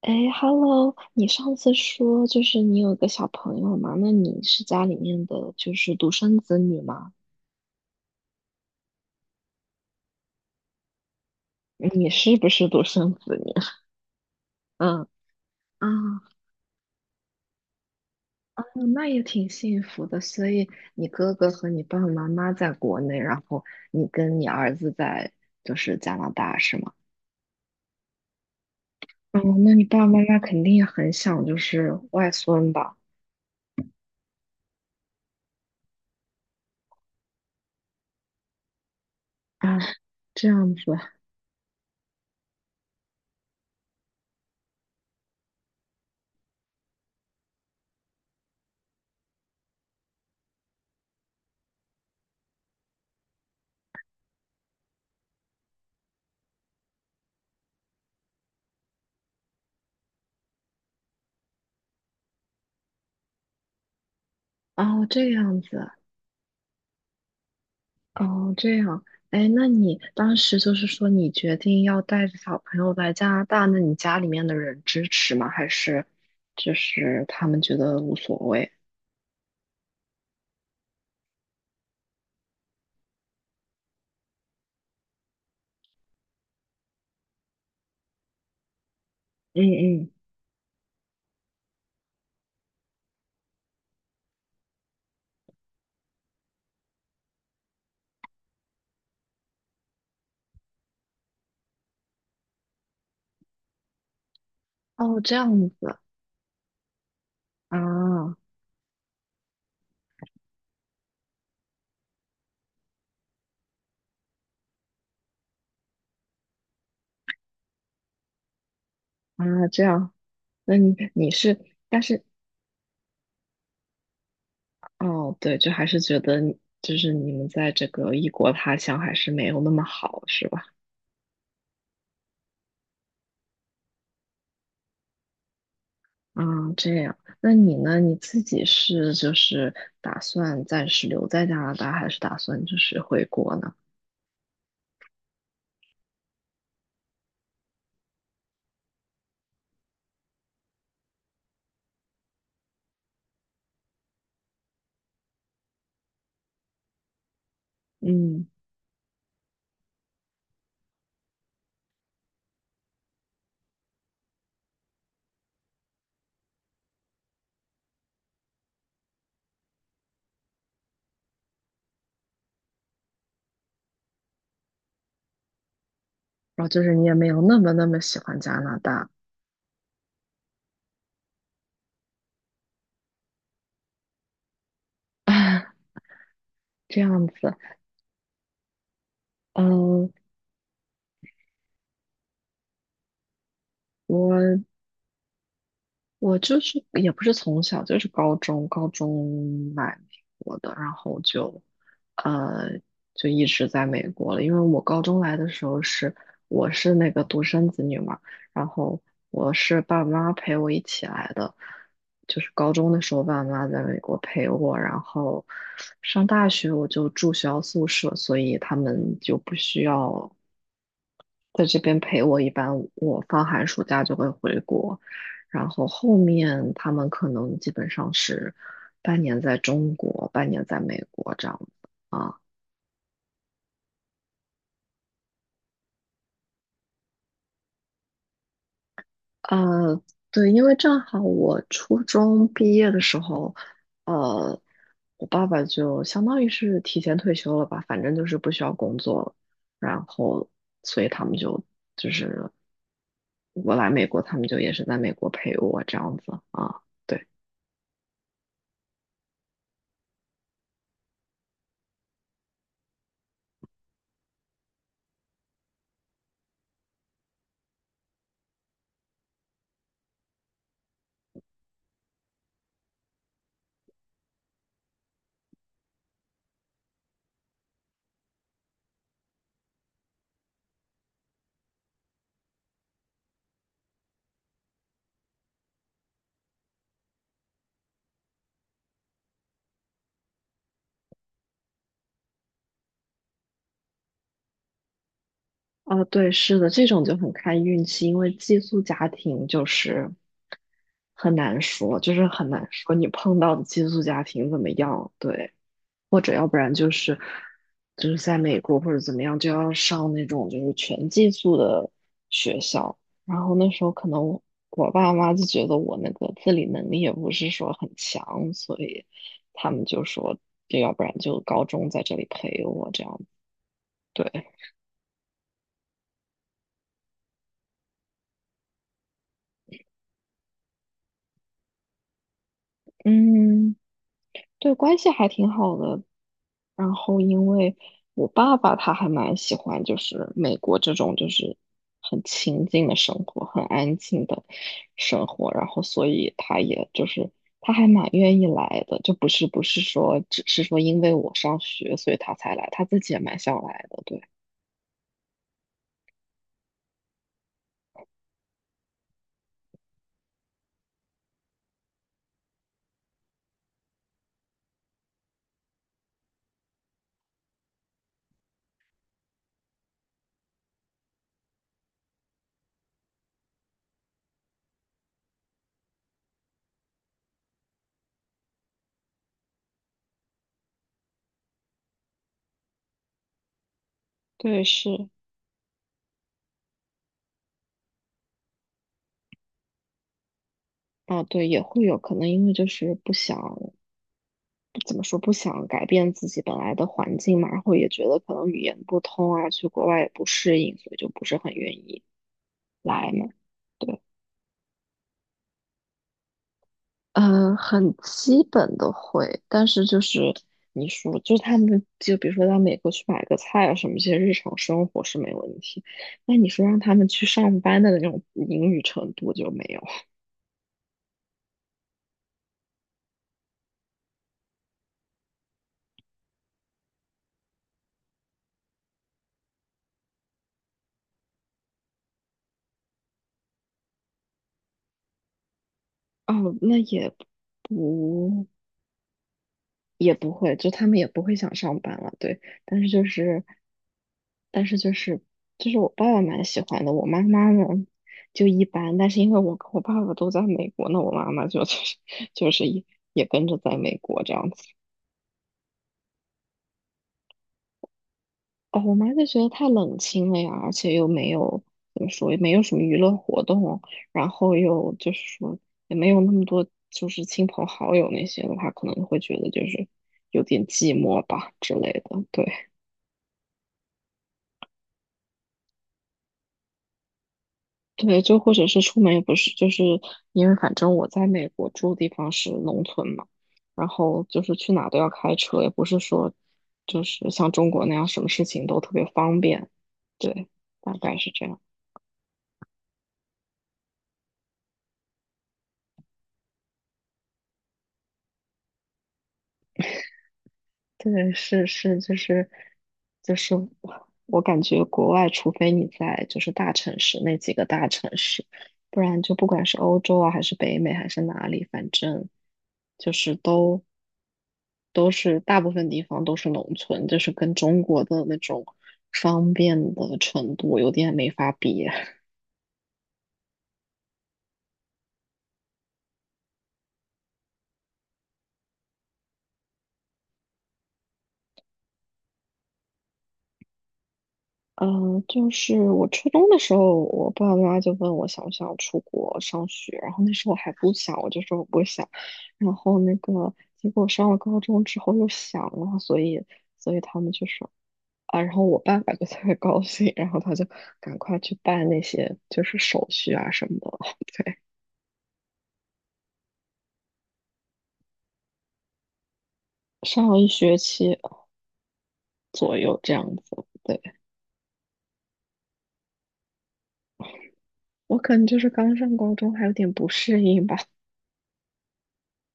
哎，Hello，你上次说就是你有个小朋友嘛？那你是家里面的就是独生子女吗？嗯你是不是独生子女？嗯。啊。嗯那也挺幸福的。所以你哥哥和你爸爸妈妈在国内，然后你跟你儿子在就是加拿大是吗？嗯，那你爸爸妈妈肯定也很想就是外孙吧？啊，这样子啊，哦这样子。哦，这样，哎，那你当时就是说你决定要带着小朋友来加拿大，那你家里面的人支持吗？还是就是他们觉得无所谓？嗯嗯，哦，这样子啊。啊，这样，那你你是，但是哦，对，就还是觉得你就是你们在这个异国他乡还是没有那么好，是吧？啊，这样，那你呢？你自己是就是打算暂时留在加拿大，还是打算就是回国呢？嗯，然后就是你也没有那么那么喜欢加拿大，这样子。嗯，我我就是也不是从小，就是高中来美国的，然后就，呃，就一直在美国了。因为我高中来的时候是我是那个独生子女嘛，然后我是爸妈陪我一起来的，就是高中的时候爸妈在美国陪我，然后上大学我就住学校宿舍，所以他们就不需要。在这边陪我，一般我放寒暑假就会回国，然后后面他们可能基本上是半年在中国，半年在美国这样子啊。呃，对，因为正好我初中毕业的时候，呃，我爸爸就相当于是提前退休了吧，反正就是不需要工作了，然后所以他们就是我来美国，他们就也是在美国陪我这样子啊。对。啊，对，是的，这种就很看运气，因为寄宿家庭就是很难说，就是很难说你碰到的寄宿家庭怎么样，对，或者要不然就是就是在美国或者怎么样，就要上那种就是全寄宿的学校，然后那时候可能我爸妈就觉得我那个自理能力也不是说很强，所以他们就说，就要不然就高中在这里陪我这样，对，嗯。对，关系还挺好的。然后因为我爸爸他还蛮喜欢，就是美国这种就是很清静的生活，很安静的生活，然后所以他也就是他还蛮愿意来的，就不是说只是说因为我上学所以他才来，他自己也蛮想来的，对对是，啊对，也会有可能因为就是不想。怎么说不想改变自己本来的环境嘛，然后也觉得可能语言不通啊，去国外也不适应，所以就不是很愿意来嘛。对，很基本的会，但是就是你说，就是他们就比如说到美国去买个菜啊什么，这些日常生活是没问题。那你说让他们去上班的那种嗯英语程度就没有。哦，那不也不会，就他们也不会想上班了，对。但是就是，但是就是，就是我爸爸蛮喜欢的，我妈妈呢就一般。但是因为我跟我爸爸都在美国，那我妈妈就 就是也跟着在美国这样子。哦，我妈就觉得太冷清了呀，而且又没有怎么说，也没有什么娱乐活动，然后又就是说也没有那么多就是亲朋好友那些的话，可能会觉得就是有点寂寞吧之类的，对。对，就或者是出门也不是，就是因为反正我在美国住的地方是农村嘛，然后就是去哪都要开车，也不是说就是像中国那样什么事情都特别方便。对，大概是这样。对，是是，就是我感觉国外，除非你在就是大城市那几个大城市，不然就不管是欧洲啊，还是北美，还是哪里，反正就是都是大部分地方都是农村，就是跟中国的那种方便的程度有点没法比。就是我初中的时候，我爸爸妈妈就问我想不想出国上学，然后那时候我还不想，我就说我不想。然后那个结果上了高中之后又想了，所以他们就说啊，然后我爸爸就特别高兴，然后他就赶快去办那些就是手续啊什么的，对，上了一学期左右这样子。对。我可能就是刚上高中，还有点不适应吧，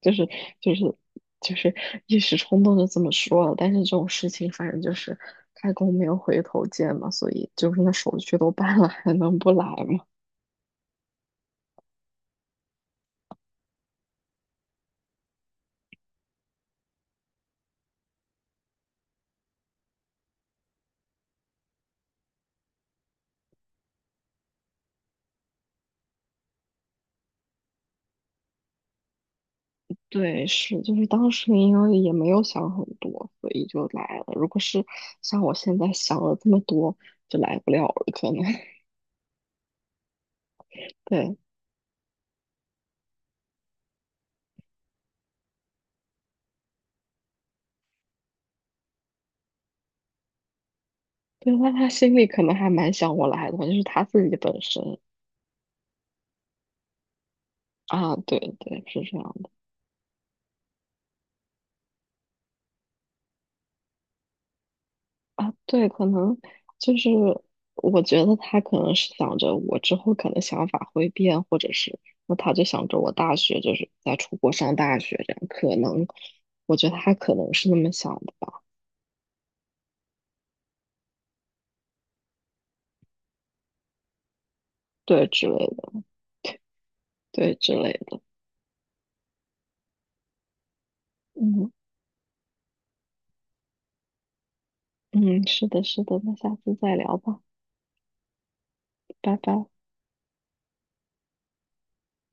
就是就是就是一时冲动就这么说了。但是这种事情，反正就是开弓没有回头箭嘛，所以就是那手续都办了，还能不来吗？对，是，就是当时因为也没有想很多，所以就来了。如果是像我现在想了这么多，就来不了了，可能。对对，那他心里可能还蛮想我来的，就是他自己本身啊，对对，是这样的。啊，对，可能就是我觉得他可能是想着我之后可能想法会变，或者是那他就想着我大学就是在出国上大学这样，可能我觉得他可能是那么想的吧，对之类的，对之类的，嗯嗯，是的，是的，那下次再聊吧，拜拜。